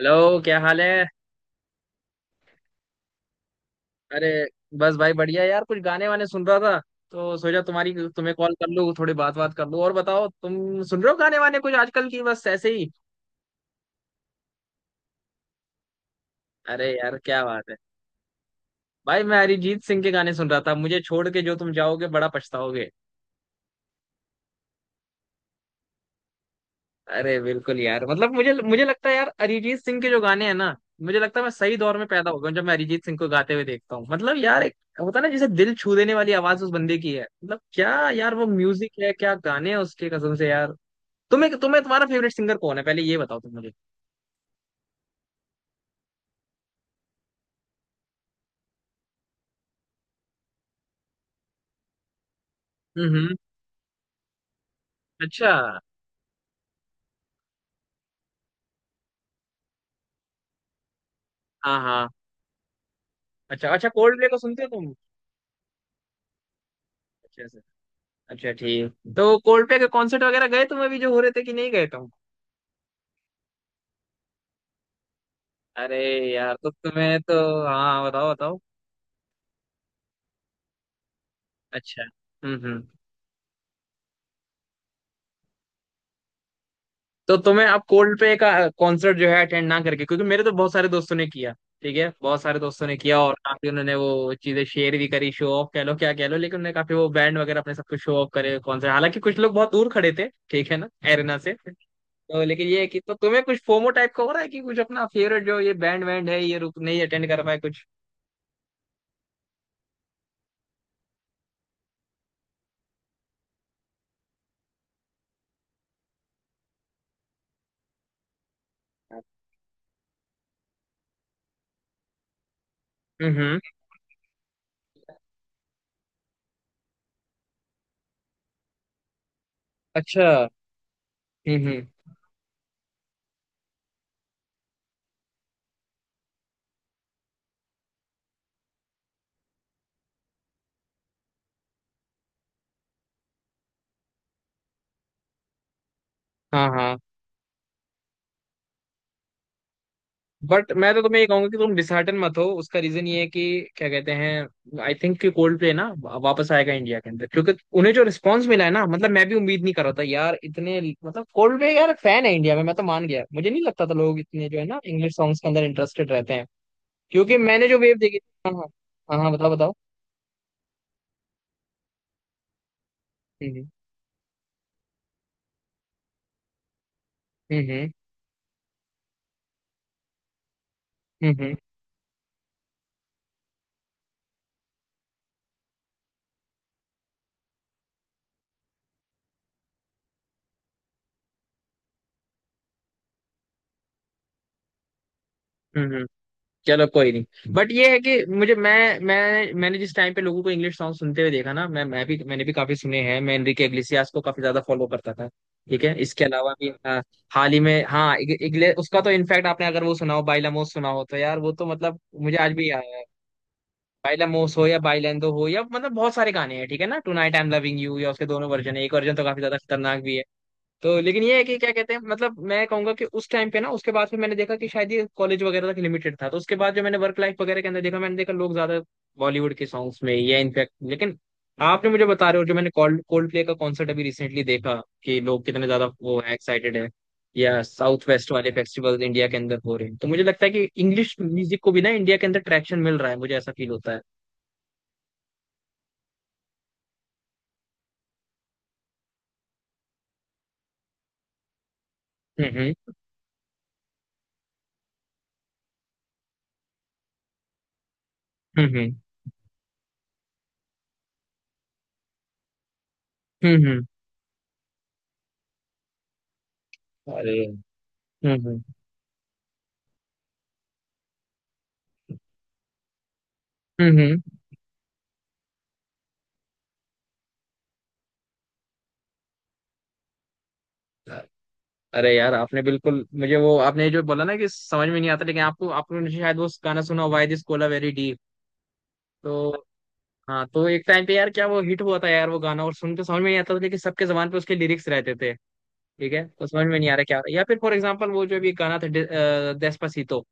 Hello क्या हाल है। अरे बस भाई बढ़िया यार कुछ गाने वाने सुन रहा था तो सोचा तुम्हारी तुम्हें कॉल कर लूँ थोड़ी बात बात कर लूँ। और बताओ तुम सुन रहे हो गाने वाने कुछ आजकल की, बस ऐसे ही। अरे यार क्या बात है। भाई मैं अरिजीत सिंह के गाने सुन रहा था, मुझे छोड़ के जो तुम जाओगे बड़ा पछताओगे। अरे बिल्कुल यार, मतलब मुझे मुझे लगता है यार अरिजीत सिंह के जो गाने हैं ना, मुझे लगता है मैं सही दौर में पैदा हो गया हूं। जब मैं अरिजीत सिंह को गाते हुए देखता हूँ मतलब यार एक होता है ना, जैसे दिल छू देने वाली आवाज उस बंदे की है। मतलब क्या यार वो म्यूजिक है, क्या गाने हैं उसके, कसम से यार। तुम्हें तुम्हें तुम्हारा फेवरेट सिंगर कौन है, पहले ये बताओ तुम मुझे। हम्म। अच्छा। हाँ हाँ। अच्छा अच्छा, कोल्ड प्ले को सुनते हो तुम? अच्छा से। अच्छा ठीक, तो कोल्ड प्ले के कॉन्सर्ट वगैरह गए तुम, अभी जो हो रहे थे, कि नहीं गए तुम? अरे यार, तो तुम्हें तो, हाँ बताओ बताओ। अच्छा। हम्म। तो तुम्हें अब कोल्डप्ले का कॉन्सर्ट जो है अटेंड ना करके, क्योंकि मेरे तो बहुत सारे दोस्तों ने किया, ठीक है, बहुत सारे दोस्तों ने किया और काफी उन्होंने वो चीजें शेयर भी करी, शो ऑफ कह लो क्या कह लो, लेकिन उन्होंने काफी वो बैंड वगैरह अपने सब कुछ शो ऑफ करे कॉन्सर्ट, हालांकि कुछ लोग बहुत दूर खड़े थे ठीक है ना, एरिना से। तो लेकिन ये है कि तो तुम्हें कुछ फोमो टाइप का हो रहा है कि कुछ अपना फेवरेट जो ये बैंड वैंड है ये रुक नहीं अटेंड कर पाए कुछ। हम्म। अच्छा। हम्म। हाँ हाँ, बट मैं तो तुम्हें ये कहूंगा कि तुम डिसहार्टन मत हो, उसका रीजन ये है कि क्या कहते हैं, आई थिंक कि कोल्ड प्ले ना वापस आएगा इंडिया के अंदर, क्योंकि उन्हें जो रिस्पांस मिला है ना, मतलब मैं भी उम्मीद नहीं कर रहा था यार इतने, मतलब कोल्ड प्ले यार फैन है इंडिया में, मैं तो मान गया, मुझे नहीं लगता था लोग इतने जो है ना इंग्लिश सॉन्ग्स के अंदर इंटरेस्टेड रहते हैं, क्योंकि मैंने जो वेव देखी। हाँ हाँ। हाँ हाँ बताओ बताओ। हम्म हम्म हम्म हम्म। हम्म। चलो कोई नहीं, बट ये है कि मुझे मैं मैंने जिस टाइम पे लोगों को इंग्लिश सॉन्ग सुनते हुए देखा ना, मैं भी मैंने भी काफी सुने हैं, मैं एनरिके इग्लेसियास को काफी ज्यादा फॉलो करता था। ठीक है, इसके अलावा भी हाँ, हाल ही में हाँ, उसका तो इनफैक्ट, आपने अगर वो सुना हो बाइला मोस सुना हो तो यार वो तो मतलब मुझे आज भी याद है। बाइला मोस हो या बाइलेंदो हो या मतलब बहुत सारे गाने हैं, ठीक है ना, tonight I am loving you, या उसके दोनों वर्जन है, एक वर्जन तो काफी ज्यादा खतरनाक भी है। तो लेकिन ये है कि क्या कहते हैं, मतलब मैं कहूंगा कि उस टाइम पे ना उसके बाद फिर मैंने देखा कि शायद ये कॉलेज वगैरह तक लिमिटेड था, तो उसके बाद जो मैंने वर्क लाइफ वगैरह के अंदर देखा, मैंने देखा लोग ज्यादा बॉलीवुड के सॉन्ग्स में, या इनफैक्ट लेकिन आपने मुझे बता रहे हो जो मैंने कोल्ड कोल्ड प्ले का कॉन्सर्ट अभी रिसेंटली देखा कि लोग कितने ज्यादा वो है एक्साइटेड है, या साउथ वेस्ट वाले फेस्टिवल इंडिया के अंदर हो रहे हैं, तो मुझे लगता है कि इंग्लिश म्यूजिक को भी ना इंडिया के अंदर ट्रैक्शन मिल रहा है, मुझे ऐसा फील होता है। हम्म हम्म। हम्म। हम्म। अरे हम्म हम्म हम्म। हम्म। अरे यार आपने बिल्कुल मुझे वो आपने जो बोला ना कि समझ में नहीं आता, लेकिन आपको आपने शायद वो गाना सुना, why this Kolaveri di. तो हाँ, तो एक टाइम पे यार क्या वो हिट हुआ था यार वो गाना, और सुन के समझ में नहीं आता था लेकिन सबके जबान पे उसके लिरिक्स रहते थे। ठीक है, तो समझ में नहीं आ रहा क्या हो रहा है। या फिर फॉर एग्जाम्पल वो जो भी गाना था डेस्पासीतो,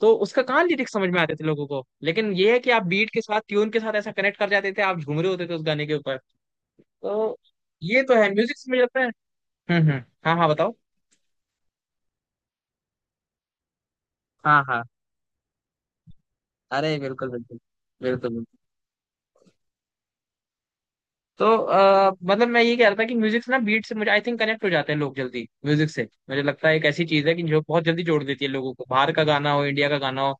तो उसका कहाँ लिरिक्स समझ में आते थे लोगों को, लेकिन ये है कि आप बीट के साथ ट्यून के साथ ऐसा कनेक्ट कर जाते थे, आप झूम रहे होते थे उस गाने के ऊपर। तो ये तो है म्यूजिक से मुझे लगता है। हम्म। हाँ हाँ बताओ। हाँ हाँ। अरे बिल्कुल बिल्कुल बिल्कुल। तो मतलब मैं ये कह रहा था कि म्यूजिक से ना, बीट से मुझे आई थिंक कनेक्ट हो जाते हैं लोग जल्दी म्यूजिक से, मुझे लगता है एक ऐसी चीज है कि जो बहुत जल्दी जोड़ देती है लोगों को, बाहर का गाना हो इंडिया का गाना हो।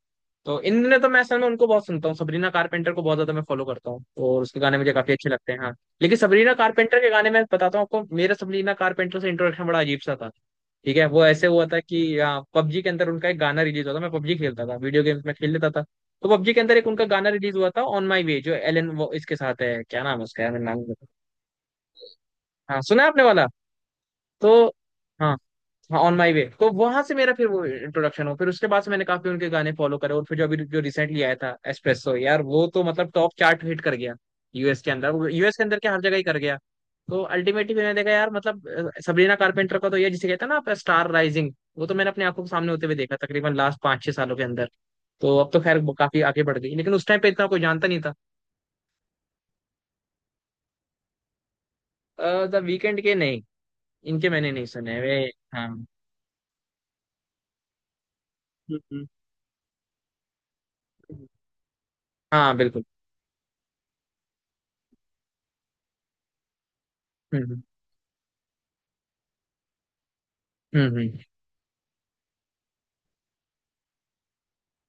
तो इन दिनों तो मैं असल में उनको बहुत सुनता हूँ, सबरीना कारपेंटर को बहुत ज्यादा मैं फॉलो करता हूँ और उसके गाने मुझे काफी अच्छे लगते हैं, हाँ। लेकिन सबरीना कारपेंटर के गाने, मैं बताता हूँ आपको, मेरा सबरीना कारपेंटर से इंट्रोडक्शन बड़ा अजीब सा था। ठीक है, वो ऐसे हुआ था कि पबजी के अंदर उनका एक गाना रिलीज हुआ था, मैं पबजी खेलता था, वीडियो गेम्स में खेल लेता था। तो पबजी के अंदर एक उनका गाना रिलीज हुआ था, ऑन माई वे, जो एलन वो इसके साथ है, क्या नाम है उसका यार, मेरे नाम। हाँ सुना है आपने वाला। तो हाँ हाँ, ऑन माई वे। तो वहां से मेरा फिर वो इंट्रोडक्शन हो, फिर उसके बाद से मैंने काफी उनके गाने फॉलो करे और फिर जो अभी जो रिसेंटली आया था एस्प्रेसो यार, वो तो मतलब टॉप चार्ट हिट कर गया, यूएस के अंदर, वो यूएस के अंदर क्या हर जगह ही कर गया। तो अल्टीमेटली मैंने देखा यार, मतलब सबरीना कारपेंटर का तो ये जिसे कहते हैं ना आप स्टार राइजिंग, वो तो मैंने अपनी आंखों के सामने होते हुए देखा तकरीबन लास्ट पाँच छह सालों के अंदर। तो अब तो खैर वो काफी आगे बढ़ गई लेकिन उस टाइम पे इतना कोई जानता नहीं था। द वीकेंड के नहीं, इनके मैंने नहीं सुने वे। हाँ हम्म। हम्म। हाँ बिल्कुल। हम्म हम्म। हम्म।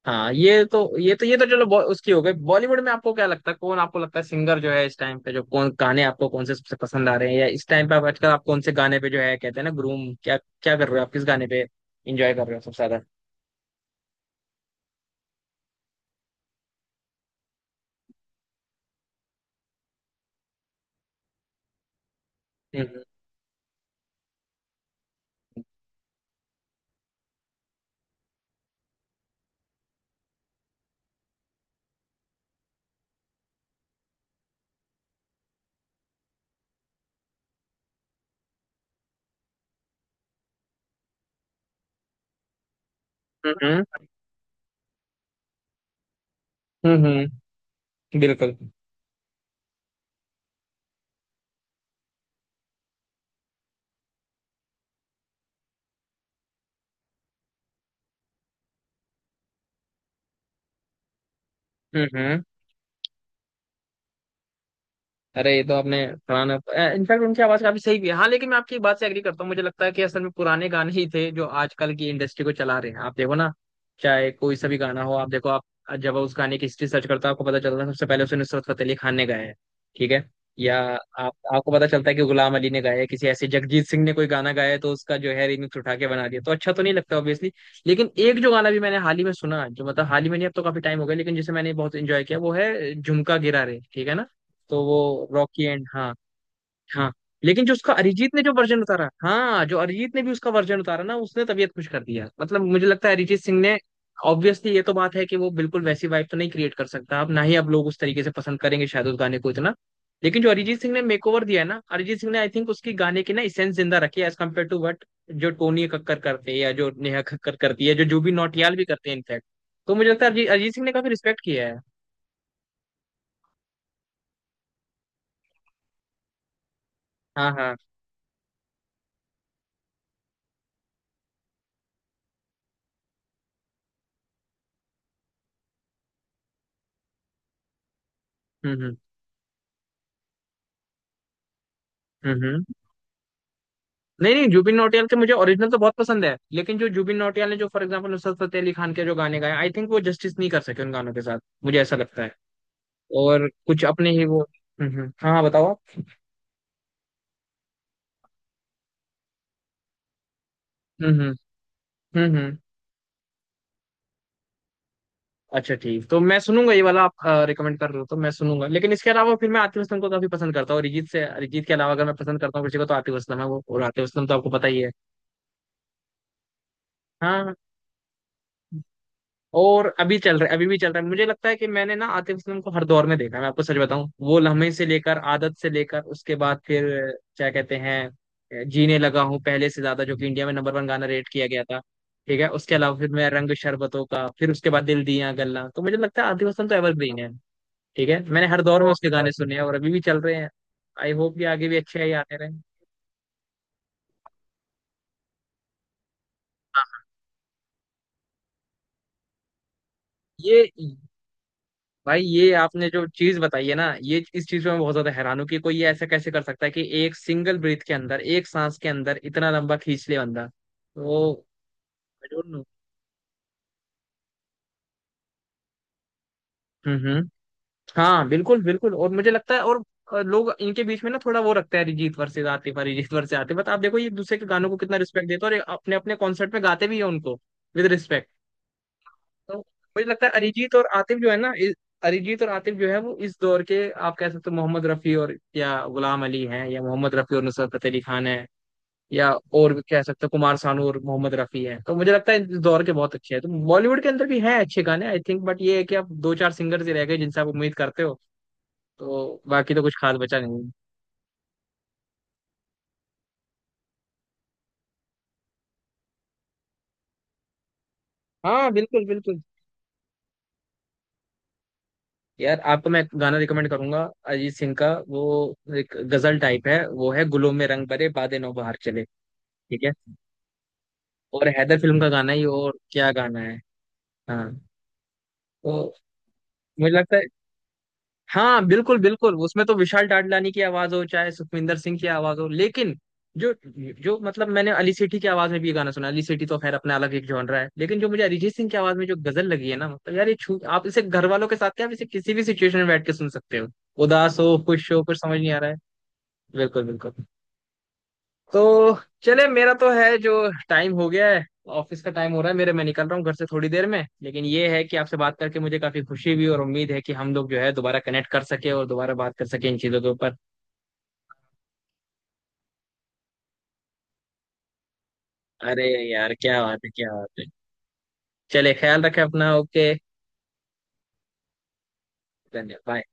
हाँ ये तो ये तो चलो, उसकी हो गई। बॉलीवुड में आपको क्या लगता है, कौन आपको लगता है सिंगर जो है इस टाइम पे, जो कौन गाने आपको, कौन से सबसे पसंद आ रहे हैं या इस टाइम पे आप आजकल, आप कौन से गाने पे जो है कहते हैं ना ग्रूम, क्या क्या कर रहे हो आप, किस गाने पे एंजॉय कर रहे हो सबसे ज्यादा? हम्म हम्म। हम्म। हम्म। बिल्कुल। हम्म। अरे ये तो आपने पुराना, इनफैक्ट उनकी आवाज काफी सही भी है हाँ, लेकिन मैं आपकी बात से एग्री करता हूँ, मुझे लगता है कि असल में पुराने गाने ही थे जो आजकल की इंडस्ट्री को चला रहे हैं। आप देखो ना, चाहे कोई सा भी गाना हो, आप देखो, आप जब उस गाने की हिस्ट्री सर्च करते हो आपको पता चलता है सबसे पहले उसे नुसरत फतेह अली खान ने गाया है, ठीक है, या आप आपको पता चलता है कि गुलाम अली ने गाया है, किसी ऐसे जगजीत सिंह ने कोई गाना गाया है, तो उसका जो है रिमिक्स उठा के बना दिया, तो अच्छा तो नहीं लगता ऑब्वियसली। लेकिन एक जो गाना भी मैंने हाल ही में सुना, जो मतलब हाल ही में नहीं अब तो काफी टाइम हो गया, लेकिन जिसे मैंने बहुत एंजॉय किया, वो है झुमका गिरा रे, ठीक है ना, तो वो रॉकी एंड, हाँ। हाँ, लेकिन जो उसका अरिजीत ने जो वर्जन उतारा, हाँ, जो अरिजीत ने भी उसका वर्जन उतारा ना, उसने तबीयत खुश कर दिया, मतलब मुझे लगता है अरिजीत सिंह ने। ऑब्वियसली ये तो बात है कि वो बिल्कुल वैसी वाइब तो नहीं क्रिएट कर सकता अब, ना ही अब लोग उस तरीके से पसंद करेंगे शायद उस गाने को इतना, लेकिन जो अरिजीत सिंह ने मेकओवर दिया है ना, अरिजीत सिंह ने आई थिंक उसकी गाने की ना इसेंस जिंदा रखी है, एज कम्पेयर टू वट जो टोनी कक्कर करते हैं या जो नेहा कक्कर करती है, जो जुबिन नौटियाल भी करते हैं इनफैक्ट। तो मुझे लगता है अरिजीत अरिजीत सिंह ने काफी रिस्पेक्ट किया है। हाँ हाँ। हम्म। हम्म हम्म। नहीं नहीं, जुबिन नौटियाल के मुझे ओरिजिनल तो बहुत पसंद है लेकिन जो जुबिन नौटियाल ने जो फॉर एग्जांपल नुसरत फतेह अली खान के जो गाने गाए, आई थिंक वो जस्टिस नहीं कर सके उन गानों के साथ, मुझे ऐसा लगता है, और कुछ अपने ही वो। हाँ हाँ बताओ आप। हम्म। हम्म हम्म। अच्छा ठीक, तो मैं सुनूंगा, ये वाला आप रिकमेंड कर रहे हो तो मैं सुनूंगा, लेकिन इसके अलावा फिर मैं आतिफ असलम को काफी पसंद करता हूँ, अरिजीत से अरिजीत के अलावा अगर मैं पसंद करता हूँ किसी को तो आतिफ असलम है वो, और आतिफ असलम तो आपको पता ही है। हाँ, और अभी चल रहा है, अभी भी चल रहा है, मुझे लगता है कि मैंने ना आतिफ असलम को हर दौर में देखा है, मैं आपको सच बताऊं, वो लम्हे से लेकर आदत से लेकर उसके बाद फिर क्या कहते हैं जीने लगा हूं पहले से ज्यादा, जो कि इंडिया में नंबर वन गाना रेट किया गया था, ठीक है, उसके अलावा फिर मैं रंग शरबतों का, फिर उसके बाद दिल दिया गल्ला, तो मुझे लगता है आतिफ असलम तो एवरग्रीन है। ठीक है, मैंने हर दौर में उसके गाने सुने हैं और अभी भी चल रहे हैं। आई होप कि आगे भी अच्छे ही आते रहे, हाँ। ये भाई ये आपने जो चीज बताई है ना, ये इस चीज पे मैं बहुत ज्यादा हैरान हूँ कि कोई ये ऐसा कैसे कर सकता है कि एक सिंगल ब्रीथ के अंदर, एक सांस के अंदर इतना लंबा खींच ले बंदा, तो आई डोंट नो। हम्म। हाँ बिल्कुल बिल्कुल, और मुझे लगता है और लोग इनके बीच में ना थोड़ा वो रखते हैं, Arijit versus Atif, Arijit versus Atif, but आप देखो ये एक दूसरे के गानों को कितना रिस्पेक्ट देते हैं और ये अपने अपने कॉन्सर्ट में गाते भी है उनको विद रिस्पेक्ट। तो मुझे लगता है अरिजीत और आतिफ जो है ना अरिजीत और आतिफ जो है वो इस दौर के आप कह सकते हो मोहम्मद रफी और, या गुलाम अली हैं, या मोहम्मद रफी और नुसरत फतेह अली खान है, या और भी कह सकते हो कुमार सानू और मोहम्मद रफी हैं, तो मुझे लगता है इस दौर के बहुत अच्छे हैं, तो बॉलीवुड के अंदर भी हैं अच्छे गाने आई थिंक, बट ये है कि आप दो चार सिंगर्स ही रह गए जिनसे आप उम्मीद करते हो, तो बाकी तो कुछ खास बचा नहीं है। हाँ बिल्कुल बिल्कुल। यार आपको मैं एक गाना रिकमेंड करूंगा, अरिजीत सिंह का, वो एक गजल टाइप है, वो है गुलों में रंग भरे बादे नौबहार चले, ठीक है, और हैदर फिल्म का गाना ही और क्या गाना है। हाँ, तो मुझे लगता है, हाँ बिल्कुल बिल्कुल, उसमें तो विशाल डडलानी की आवाज हो चाहे सुखविंदर सिंह की आवाज हो, लेकिन जो, जो मतलब मैंने अली सेठी की आवाज में भी ये गाना सुना, अली सेठी तो खैर अपना अलग एक जॉनरा है, लेकिन जो मुझे अरिजीत सिंह की आवाज में जो गजल लगी है ना, मतलब यार ये छू, आप इसे घर वालों के साथ क्या आप इसे किसी भी सिचुएशन में बैठ के सुन सकते हो, उदास हो, खुश हो, कुछ समझ नहीं आ रहा है, बिल्कुल बिल्कुल। तो चले, मेरा तो है जो टाइम हो गया है, ऑफिस का टाइम हो रहा है मेरे, मैं निकल रहा हूँ घर से थोड़ी देर में, लेकिन ये है कि आपसे बात करके मुझे काफी खुशी भी और उम्मीद है कि हम लोग जो है दोबारा कनेक्ट कर सके और दोबारा बात कर सके इन चीजों के ऊपर। अरे यार क्या बात है, क्या बात है। चले ख्याल रखें अपना, ओके। धन्यवाद bye.